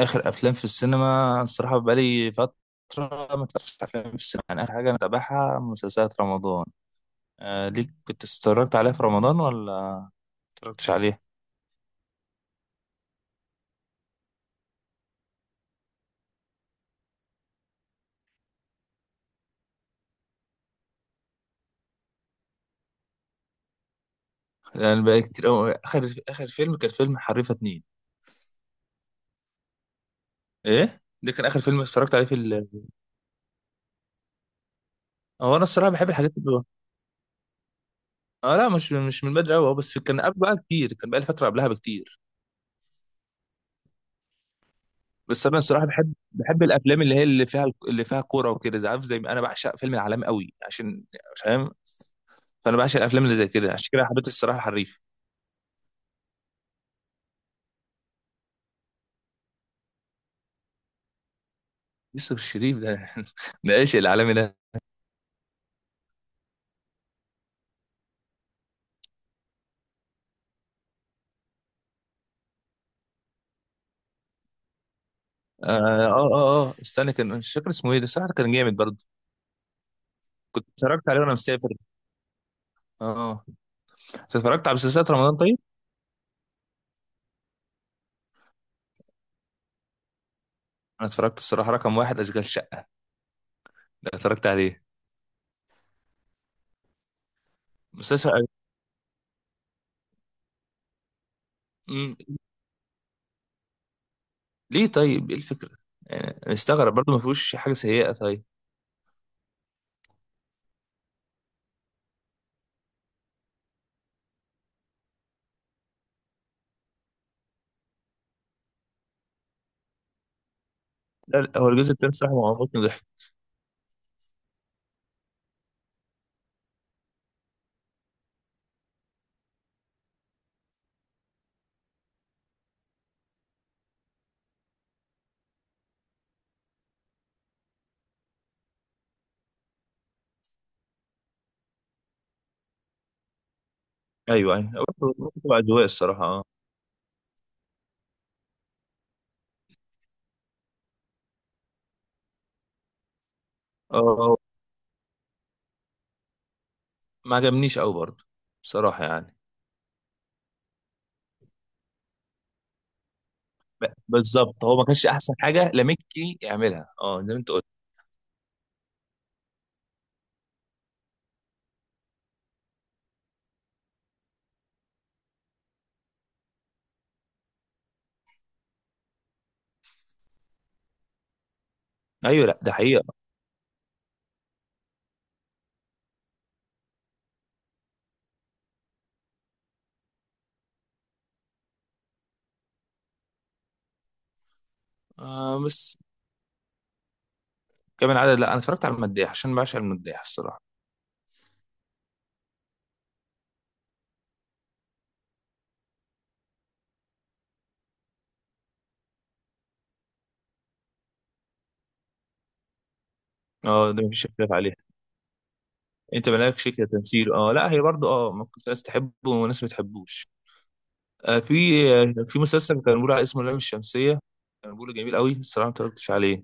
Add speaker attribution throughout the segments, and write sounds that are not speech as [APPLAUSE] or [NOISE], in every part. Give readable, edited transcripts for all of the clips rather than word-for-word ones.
Speaker 1: اخر افلام في السينما الصراحه بقالي فتره ما اتفرجتش على افلام في السينما، يعني اخر حاجه انا بتابعها مسلسلات رمضان. آه، ليك كنت اتفرجت عليها في رمضان ولا ما اتفرجتش عليها؟ يعني بقالي كتير أوي. اخر فيلم كان فيلم حريفه اتنين. ايه ده كان اخر فيلم اتفرجت عليه في ال... آه، هو انا الصراحه بحب الحاجات اللي... اه، لا، مش من بدري قوي، بس كان قبل بقى كتير، كان بقى لي فتره قبلها بكتير. بس انا الصراحه بحب الافلام اللي فيها كوره وكده، عارف، زي ما انا بعشق فيلم العالمي قوي عشان... فاهم، فانا بعشق الافلام اللي زي كده، عشان كده حبيت الصراحه الحريف. يوسف الشريف ده [LAUGHS] ده عشق العالمي ده. اه، اه، اه، آه. استنى، كان مش فاكر اسمه ايه ده، الصراحه كان جامد برضه. كنت اتفرجت عليه وانا مسافر. اه. انت اتفرجت على مسلسلات رمضان طيب؟ انا اتفرجت الصراحه رقم واحد اشغال شقه، ده اتفرجت عليه. مسلسل مم. ليه طيب، ايه الفكره؟ يعني أنا مستغرب برضه، ما فيهوش حاجه سيئه طيب. لا، لا، هو الجزء التاني الصراحه ما عمرني ضحك. ايوه، ايوه، برضه تبقى اذواق الصراحه. اه اه، آه. ما عجبنيش قوي برضه بصراحه يعني. بالظبط، هو ما كانش احسن حاجه لاميكي يعملها، اه، زي ما انت قلت. ايوه، لا، ده حقيقه. آه، بس كمان عدد. لا، انا اتفرجت على المداح عشان بعشق المداح الصراحه. اه، ده مفيش اختلاف عليها. انت مالكش كتمثيل، اه، لا، هي برضه، اه، ممكن في ناس تحبه وناس ما تحبوش. آه في في مسلسل كان بيقول على اسمه اللام الشمسيه، كان بيقول جميل قوي الصراحه، ما اتفرجتش عليه.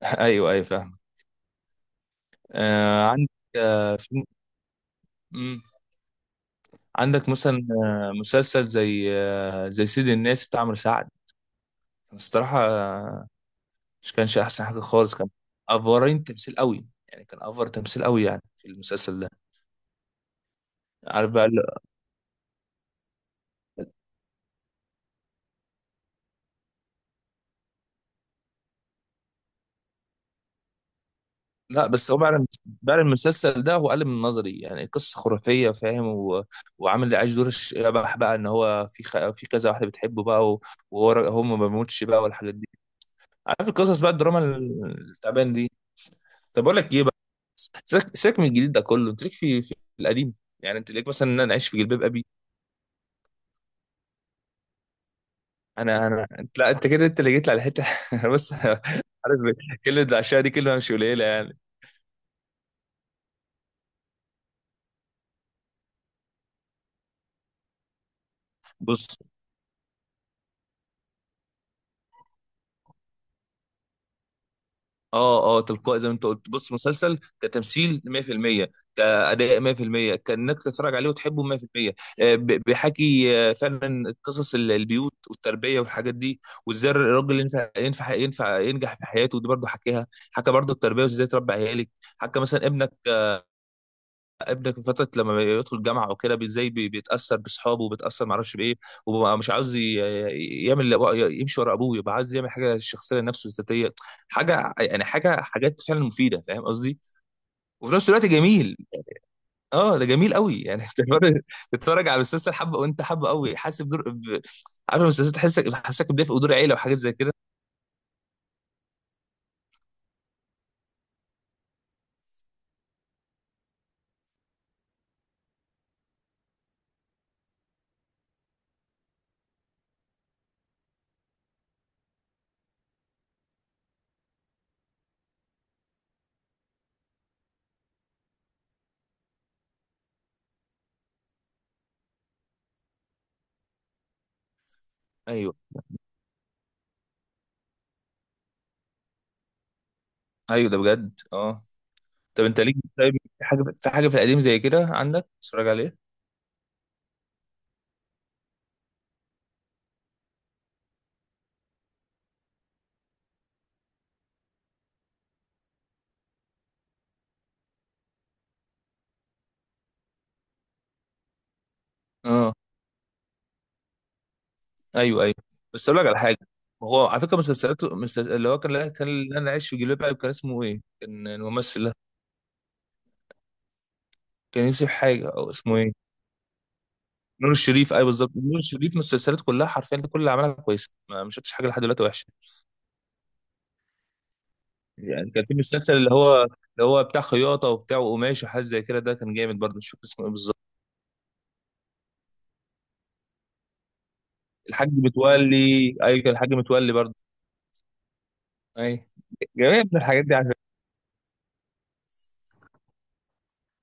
Speaker 1: [LAUGHS] ايوه، ايوه، فاهم. آه عندك آه في مم. عندك مثلا، مسلسل زي، زي سيد الناس بتاع عمرو سعد، الصراحه مش كانش احسن حاجه خالص، كان افورين تمثيل قوي يعني، كان افور تمثيل قوي يعني في المسلسل ده. عارف بقى ال- لا، بس هو بعد المسلسل ده هو قلب من نظري، يعني قصه خرافيه فاهم، و... وعامل اللي عايش دور الشبح بقى، ان هو في كذا واحده بتحبه بقى، و... هو ما بيموتش بقى والحاجات دي. عارف القصص بقى، الدراما التعبان دي. طب اقول لك ايه بقى، سيبك سيبك من الجديد ده كله، انت ليك في القديم. يعني انت ليك مثلا ان انا اعيش في جلباب ابي. انا انت، لا، انت كده انت اللي جيت لي على حته [LAUGHS] بص، عارف، كلمه العشاء دي كلمه مش قليله يعني. بص، اه، اه، تلقائي زي ما انت قلت. بص مسلسل كتمثيل 100% كاداء 100% كانك تتفرج عليه وتحبه 100%. آه، بيحكي، آه، فعلا قصص البيوت والتربيه والحاجات دي، وازاي الراجل ينفع ينفع ينفع ينجح في حياته، ودي برضه حكيها، حكى برضه التربيه وازاي تربي عيالك. حكى مثلا ابنك في فتره لما يدخل الجامعه او كده، بيتاثر باصحابه وبيتاثر معرفش بايه، وبقى مش عاوز يعمل، يمشي ورا ابوه، يبقى عاوز يعمل حاجه شخصيه لنفسه ذاتيه. حاجه يعني، حاجه حاجات فعلا مفيده فاهم قصدي، وفي نفس الوقت جميل. اه، ده جميل قوي يعني [LAUGHS] تتفرج على مسلسل حبه وانت حبه قوي، حاسس بدور... ب... عارف المسلسل تحسك، حاسك بدافئ ودور عيله وحاجات زي كده. ايوه، ايوه، ده بجد. اه، طب انت ليك طيب، في حاجه في القديم زي كده عندك تتفرج عليه؟ اه، ايوه، ايوه. بس اقول لك على حاجه، هو على فكره، مسلسل اللي هو كان اللي انا عايش في جلباب ابي كان اسمه ايه؟ كان الممثل ده كان يوسف حاجه او اسمه ايه؟ نور الشريف، ايوه بالظبط، نور الشريف مسلسلاته كلها حرفيا كل اللي عملها كويسه، ما شفتش حاجه لحد دلوقتي وحشه. يعني كان في مسلسل اللي هو بتاع خياطه وبتاع وقماش وحاجات زي كده، ده كان جامد برضه، مش فاكر اسمه ايه بالظبط. الحاج متولي، ايوه كان الحاج متولي برضه. ايوه جامد الحاجات دي على فكرة.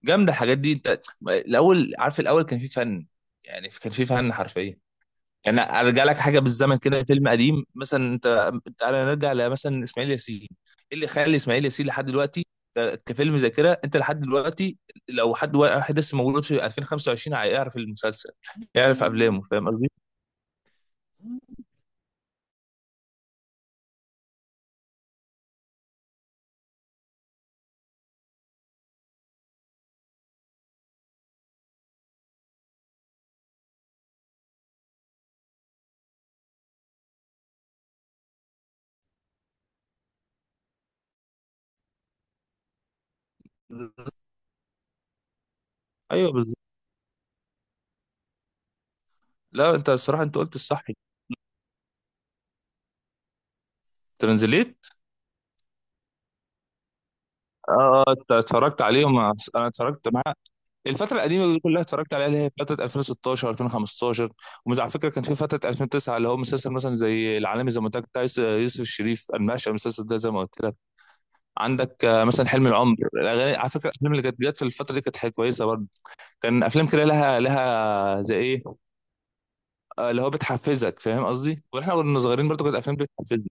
Speaker 1: جامده الحاجات دي انت. الاول، عارف، الاول كان في فن، يعني كان في فن حرفيا. يعني ارجع لك حاجه بالزمن كده، فيلم قديم مثلا انت، تعالى نرجع لمثلا اسماعيل ياسين. ايه اللي خلى اسماعيل ياسين لحد دلوقتي كفيلم ذاكره انت لحد دلوقتي؟ لو حد واحد لسه مولود في 2025 هيعرف المسلسل، يعرف افلامه فاهم قصدي؟ ايوه بالظبط. لا، انت الصراحه انت قلت الصح. ترانزليت. اه، آه، انت اتفرجت عليهم. انا اتفرجت معاه الفترة القديمة دي كلها، اتفرجت عليها، اللي هي فترة 2016، 2015. وعلى فكرة كان في فترة 2009 اللي هو مسلسل مثلا زي العالمي، زي ما قلت لك بتاع يوسف الشريف، انا بعشق المسلسل ده زي ما قلت لك. عندك، آه، مثلا حلم العمر الاغاني، على فكرة الافلام اللي كانت جت في الفترة دي كانت حاجة كويسة برضه. كان افلام كده لها، زي ايه، آه، اللي هو بتحفزك فاهم قصدي؟ واحنا كنا صغيرين برضه كانت الافلام بتحفزنا.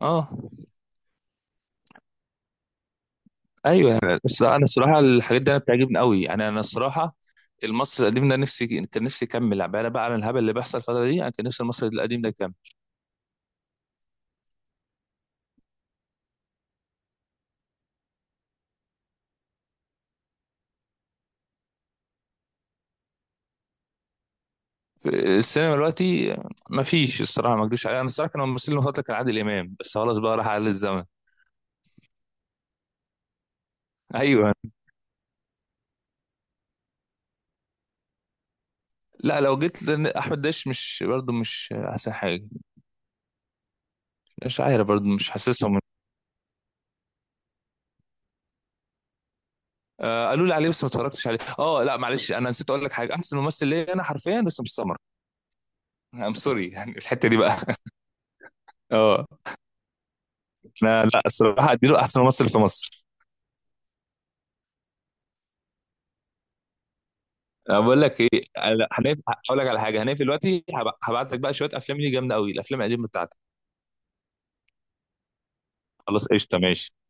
Speaker 1: اه، ايوه، بس انا الصراحه الحاجات دي انا بتعجبني قوي يعني، انا الصراحه المصري القديم ده، نفسي كان نفسي يكمل بقى، انا بقى على الهبل اللي بيحصل الفتره دي، انا كان نفسي المصري القديم ده يكمل. في السينما دلوقتي ما فيش الصراحه، ما اكدبش عليها، انا الصراحه كان الممثل المفضل كان عادل امام، بس خلاص بقى راح على الزمن. [LAUGHS] ايوه. لا، لو جيت لان احمد داش، مش برضه مش احسن حاجه. مش عارف برضه مش حاسسهم. آه، قالوا لي عليه بس ما اتفرجتش عليه. اه، لا، معلش انا نسيت اقول لك حاجه، احسن ممثل ليا انا حرفيا، بس مش سمر، سوري [LAUGHS] يعني الحته دي بقى. [LAUGHS] اه، انا، لا الصراحه اديله احسن ممثل في مصر. انا بقول لك ايه، أنا هنقف- هقول لك على حاجه، هنقفل دلوقتي، هبعت لك بقى شويه افلام ليه جامده قوي الافلام القديمه بتاعتك. خلاص، قشطه، ماشي.